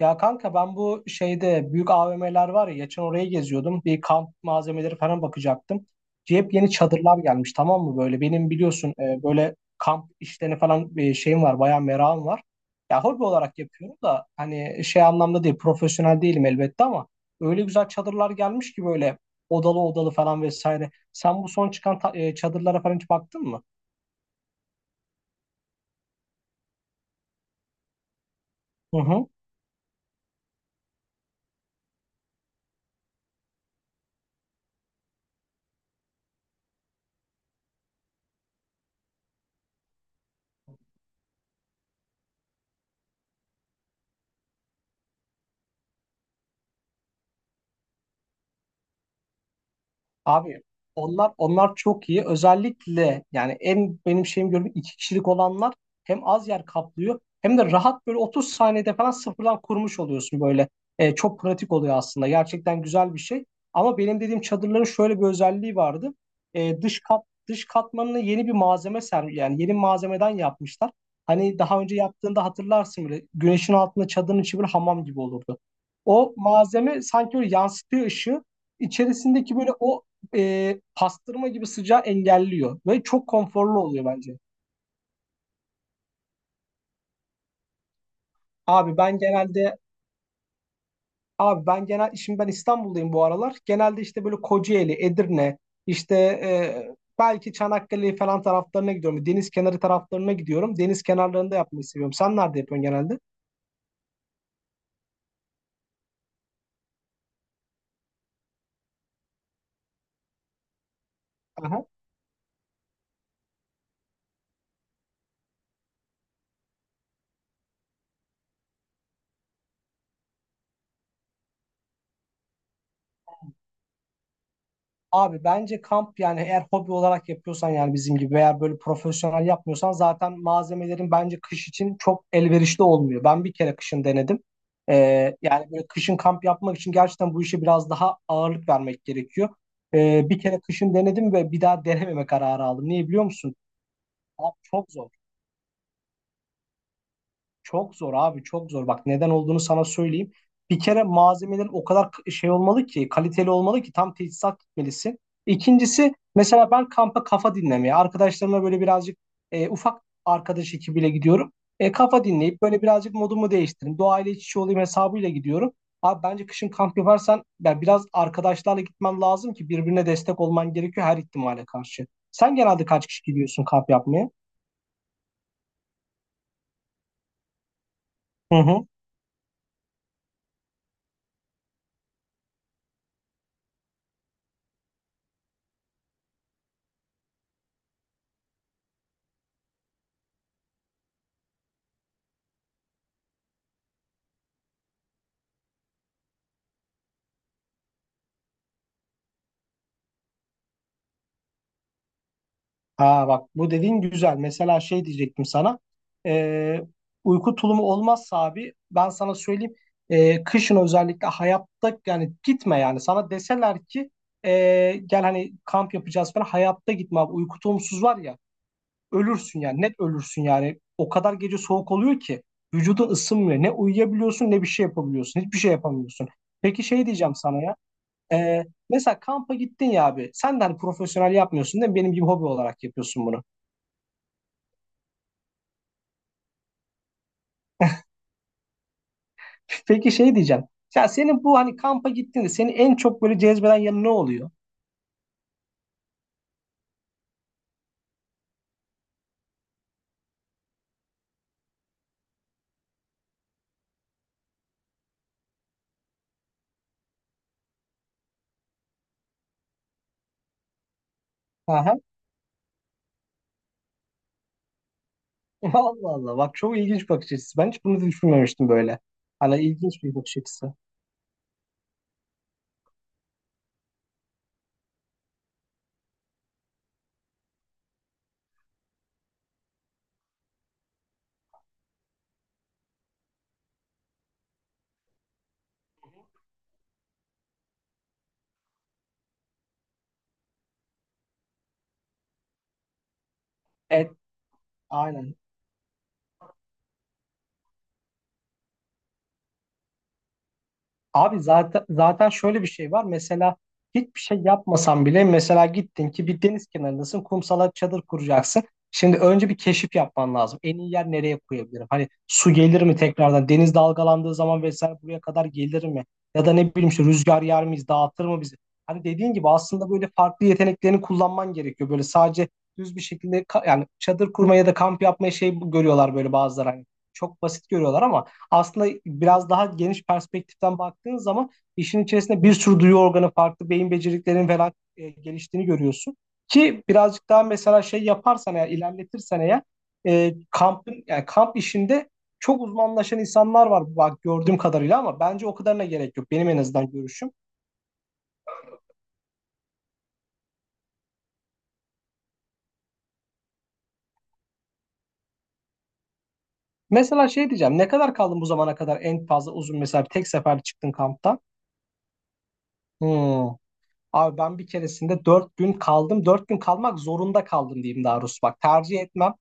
Ya kanka ben bu şeyde büyük AVM'ler var ya, geçen oraya geziyordum. Bir kamp malzemeleri falan bakacaktım. Hep yeni çadırlar gelmiş, tamam mı böyle? Benim biliyorsun böyle kamp işlerini falan, şeyim var, bayağı merakım var. Ya hobi olarak yapıyorum da hani şey anlamda değil, profesyonel değilim elbette, ama öyle güzel çadırlar gelmiş ki böyle odalı odalı falan vesaire. Sen bu son çıkan çadırlara falan hiç baktın mı? Hı hı. Abi onlar çok iyi. Özellikle yani en benim şeyim gördüğüm iki kişilik olanlar hem az yer kaplıyor hem de rahat, böyle 30 saniyede falan sıfırdan kurmuş oluyorsun böyle. Çok pratik oluyor aslında. Gerçekten güzel bir şey. Ama benim dediğim çadırların şöyle bir özelliği vardı. Dış katmanını yeni bir malzeme sermiş, yani yeni malzemeden yapmışlar. Hani daha önce yaptığında hatırlarsın, böyle güneşin altında çadırın içi bir hamam gibi olurdu. O malzeme sanki böyle yansıtıyor ışığı, içerisindeki böyle o pastırma gibi sıcağı engelliyor ve çok konforlu oluyor bence. Abi ben genelde abi ben genel şimdi ben İstanbul'dayım bu aralar. Genelde işte böyle Kocaeli, Edirne, belki Çanakkale falan taraflarına gidiyorum. Deniz kenarı taraflarına gidiyorum. Deniz kenarlarında yapmayı seviyorum. Sen nerede yapıyorsun genelde? Abi bence kamp, yani eğer hobi olarak yapıyorsan, yani bizim gibi veya böyle profesyonel yapmıyorsan, zaten malzemelerin bence kış için çok elverişli olmuyor. Ben bir kere kışın denedim. Yani böyle kışın kamp yapmak için gerçekten bu işe biraz daha ağırlık vermek gerekiyor. Bir kere kışın denedim ve bir daha denememe kararı aldım. Niye biliyor musun? Abi çok zor. Çok zor abi, çok zor. Bak neden olduğunu sana söyleyeyim. Bir kere malzemelerin o kadar şey olmalı ki, kaliteli olmalı ki, tam tesisat gitmelisin. İkincisi, mesela ben kampa kafa dinlemeye arkadaşlarımla böyle birazcık, ufak arkadaş ekibiyle gidiyorum. Kafa dinleyip böyle birazcık modumu değiştireyim, doğayla iç içe olayım hesabıyla gidiyorum. Abi bence kışın kamp yaparsan ya biraz arkadaşlarla gitmen lazım ki birbirine destek olman gerekiyor her ihtimale karşı. Sen genelde kaç kişi gidiyorsun kamp yapmaya? Hı hı. Ha bak, bu dediğin güzel. Mesela şey diyecektim sana. Ee, Uyku tulumu olmazsa abi ben sana söyleyeyim. Kışın özellikle hayatta yani gitme yani. Sana deseler ki gel hani kamp yapacağız falan, hayatta gitme abi. Uyku tulumsuz var ya, ölürsün yani, net ölürsün yani. O kadar gece soğuk oluyor ki vücudun ısınmıyor. Ne uyuyabiliyorsun ne bir şey yapabiliyorsun. Hiçbir şey yapamıyorsun. Peki şey diyeceğim sana ya. Ee, Mesela kampa gittin ya abi. Sen de hani profesyonel yapmıyorsun, değil mi? Benim gibi hobi olarak yapıyorsun bunu. Peki şey diyeceğim. Ya senin bu hani kampa gittiğinde seni en çok böyle cezbeden yanı ne oluyor? Aha. Allah Allah. Bak çok ilginç bakış açısı. Ben hiç bunu da düşünmemiştim böyle. Hani ilginç bir bakış açısı. Evet. Aynen. Abi zaten şöyle bir şey var. Mesela hiçbir şey yapmasan bile, mesela gittin ki bir deniz kenarındasın. Kumsala çadır kuracaksın. Şimdi önce bir keşif yapman lazım. En iyi yer, nereye koyabilirim? Hani su gelir mi tekrardan? Deniz dalgalandığı zaman vesaire buraya kadar gelir mi? Ya da ne bileyim, işte rüzgar yer miyiz? Dağıtır mı bizi? Hani dediğin gibi aslında böyle farklı yeteneklerini kullanman gerekiyor. Böyle sadece düz bir şekilde yani çadır kurmaya da kamp yapmaya şey görüyorlar böyle bazıları hani. Çok basit görüyorlar ama aslında biraz daha geniş perspektiften baktığın zaman işin içerisinde bir sürü duyu organı, farklı beyin becerilerinin falan geliştiğini görüyorsun. Ki birazcık daha mesela şey yaparsan, eğer ilerletirsen eğer, kampın yani kamp işinde çok uzmanlaşan insanlar var bak, gördüğüm kadarıyla, ama bence o kadarına gerek yok. Benim en azından görüşüm. Mesela şey diyeceğim, ne kadar kaldın bu zamana kadar, en fazla uzun, mesela tek sefer çıktın kamptan? Hmm. Abi ben bir keresinde 4 gün kaldım. 4 gün kalmak zorunda kaldım diyeyim daha doğrusu. Bak tercih etmem.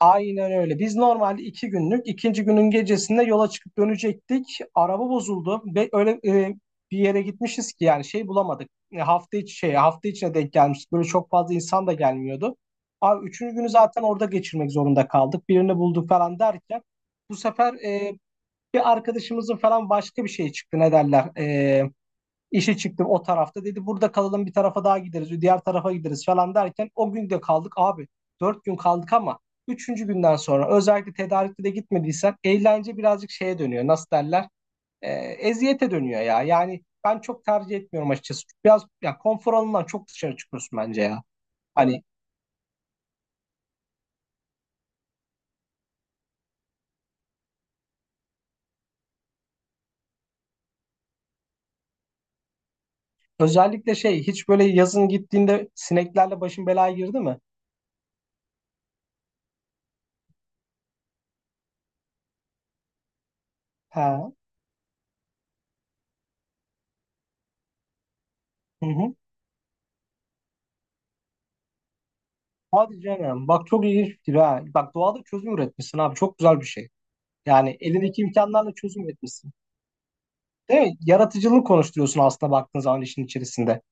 Aynen öyle. Biz normalde 2 günlük, ikinci günün gecesinde yola çıkıp dönecektik. Araba bozuldu ve öyle bir yere gitmişiz ki yani şey bulamadık. Hafta içi şey, hafta içine denk gelmiştik. Böyle çok fazla insan da gelmiyordu. Abi üçüncü günü zaten orada geçirmek zorunda kaldık. Birini bulduk falan derken bu sefer bir arkadaşımızın falan başka bir şey çıktı. Ne derler? İşe çıktım o tarafta. Dedi burada kalalım, bir tarafa daha gideriz. Diğer tarafa gideriz falan derken o gün de kaldık abi. 4 gün kaldık ama üçüncü günden sonra, özellikle tedarikli de gitmediysen, eğlence birazcık şeye dönüyor. Nasıl derler? Eziyete dönüyor ya. Yani ben çok tercih etmiyorum açıkçası. Biraz ya konfor alanından çok dışarı çıkıyorsun bence ya. Hani özellikle şey, hiç böyle yazın gittiğinde sineklerle başın belaya girdi mi? Ha. Hı hı. Hadi canım. Bak çok ilginç fikir ha. Bak doğada çözüm üretmişsin abi. Çok güzel bir şey. Yani elindeki imkanlarla çözüm üretmişsin. Değil mi? Yaratıcılık konuşturuyorsun aslında, baktığın zaman işin içerisinde.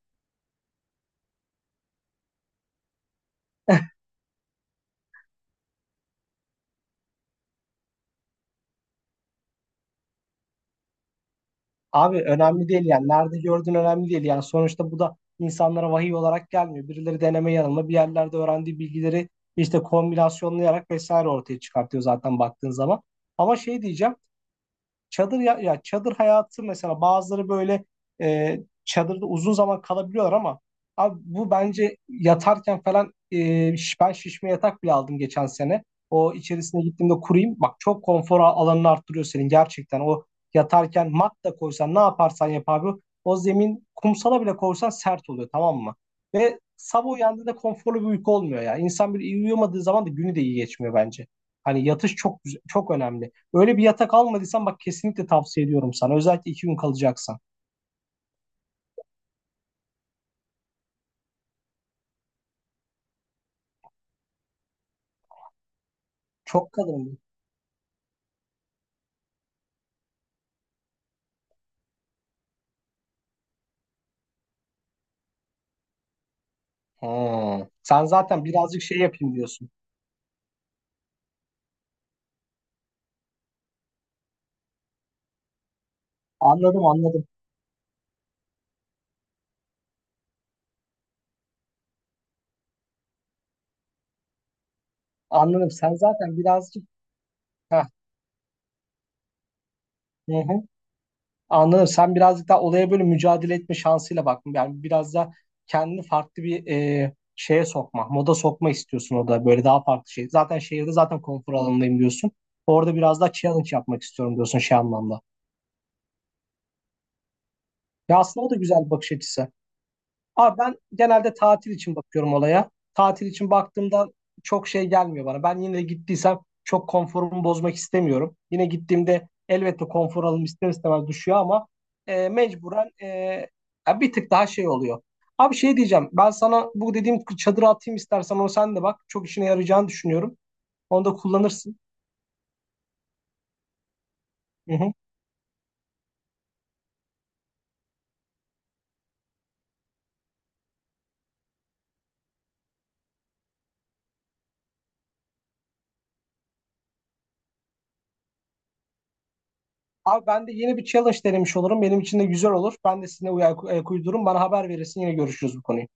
Abi önemli değil yani. Nerede gördüğün önemli değil. Yani sonuçta bu da insanlara vahiy olarak gelmiyor. Birileri deneme yanılma bir yerlerde öğrendiği bilgileri işte kombinasyonlayarak vesaire ortaya çıkartıyor zaten, baktığın zaman. Ama şey diyeceğim. Çadır ya, ya çadır hayatı, mesela bazıları böyle e, çadırda uzun zaman kalabiliyorlar ama abi bu bence yatarken falan ben şişme yatak bile aldım geçen sene. O, içerisine gittiğimde kurayım. Bak çok konfor alanını arttırıyor senin, gerçekten. O yatarken mat da koysan, ne yaparsan yap abi, o zemin kumsala bile koysan sert oluyor, tamam mı? Ve sabah uyandığında konforlu bir uyku olmuyor ya. İnsan bir iyi uyuyamadığı zaman da günü de iyi geçmiyor bence. Hani yatış çok önemli. Öyle bir yatak almadıysan bak, kesinlikle tavsiye ediyorum sana. Özellikle 2 gün kalacaksan. Çok kalın. Hmm. Sen zaten birazcık şey yapayım diyorsun. Anladım anladım. Anladım. Sen zaten birazcık. Heh, hı hı. Anladım. Sen birazcık daha olaya böyle mücadele etme şansıyla bak. Yani biraz da kendini farklı bir şeye sokma, moda sokma istiyorsun orada. Böyle daha farklı şey. Zaten şehirde zaten konfor alanındayım diyorsun. Orada biraz daha challenge yapmak istiyorum diyorsun, şey anlamda. Ya aslında o da güzel bir bakış açısı. Abi ben genelde tatil için bakıyorum olaya. Tatil için baktığımda çok şey gelmiyor bana. Ben yine gittiysem çok konforumu bozmak istemiyorum. Yine gittiğimde elbette konfor alım ister istemez düşüyor ama mecburen, ya bir tık daha şey oluyor. Abi şey diyeceğim. Ben sana bu dediğim çadırı atayım, istersen onu sen de bak. Çok işine yarayacağını düşünüyorum. Onu da kullanırsın. Hı hı. Abi ben de yeni bir challenge denemiş olurum. Benim için de güzel olur. Ben de sizinle ayak uydururum. Bana haber verirsin. Yine görüşürüz bu konuyu.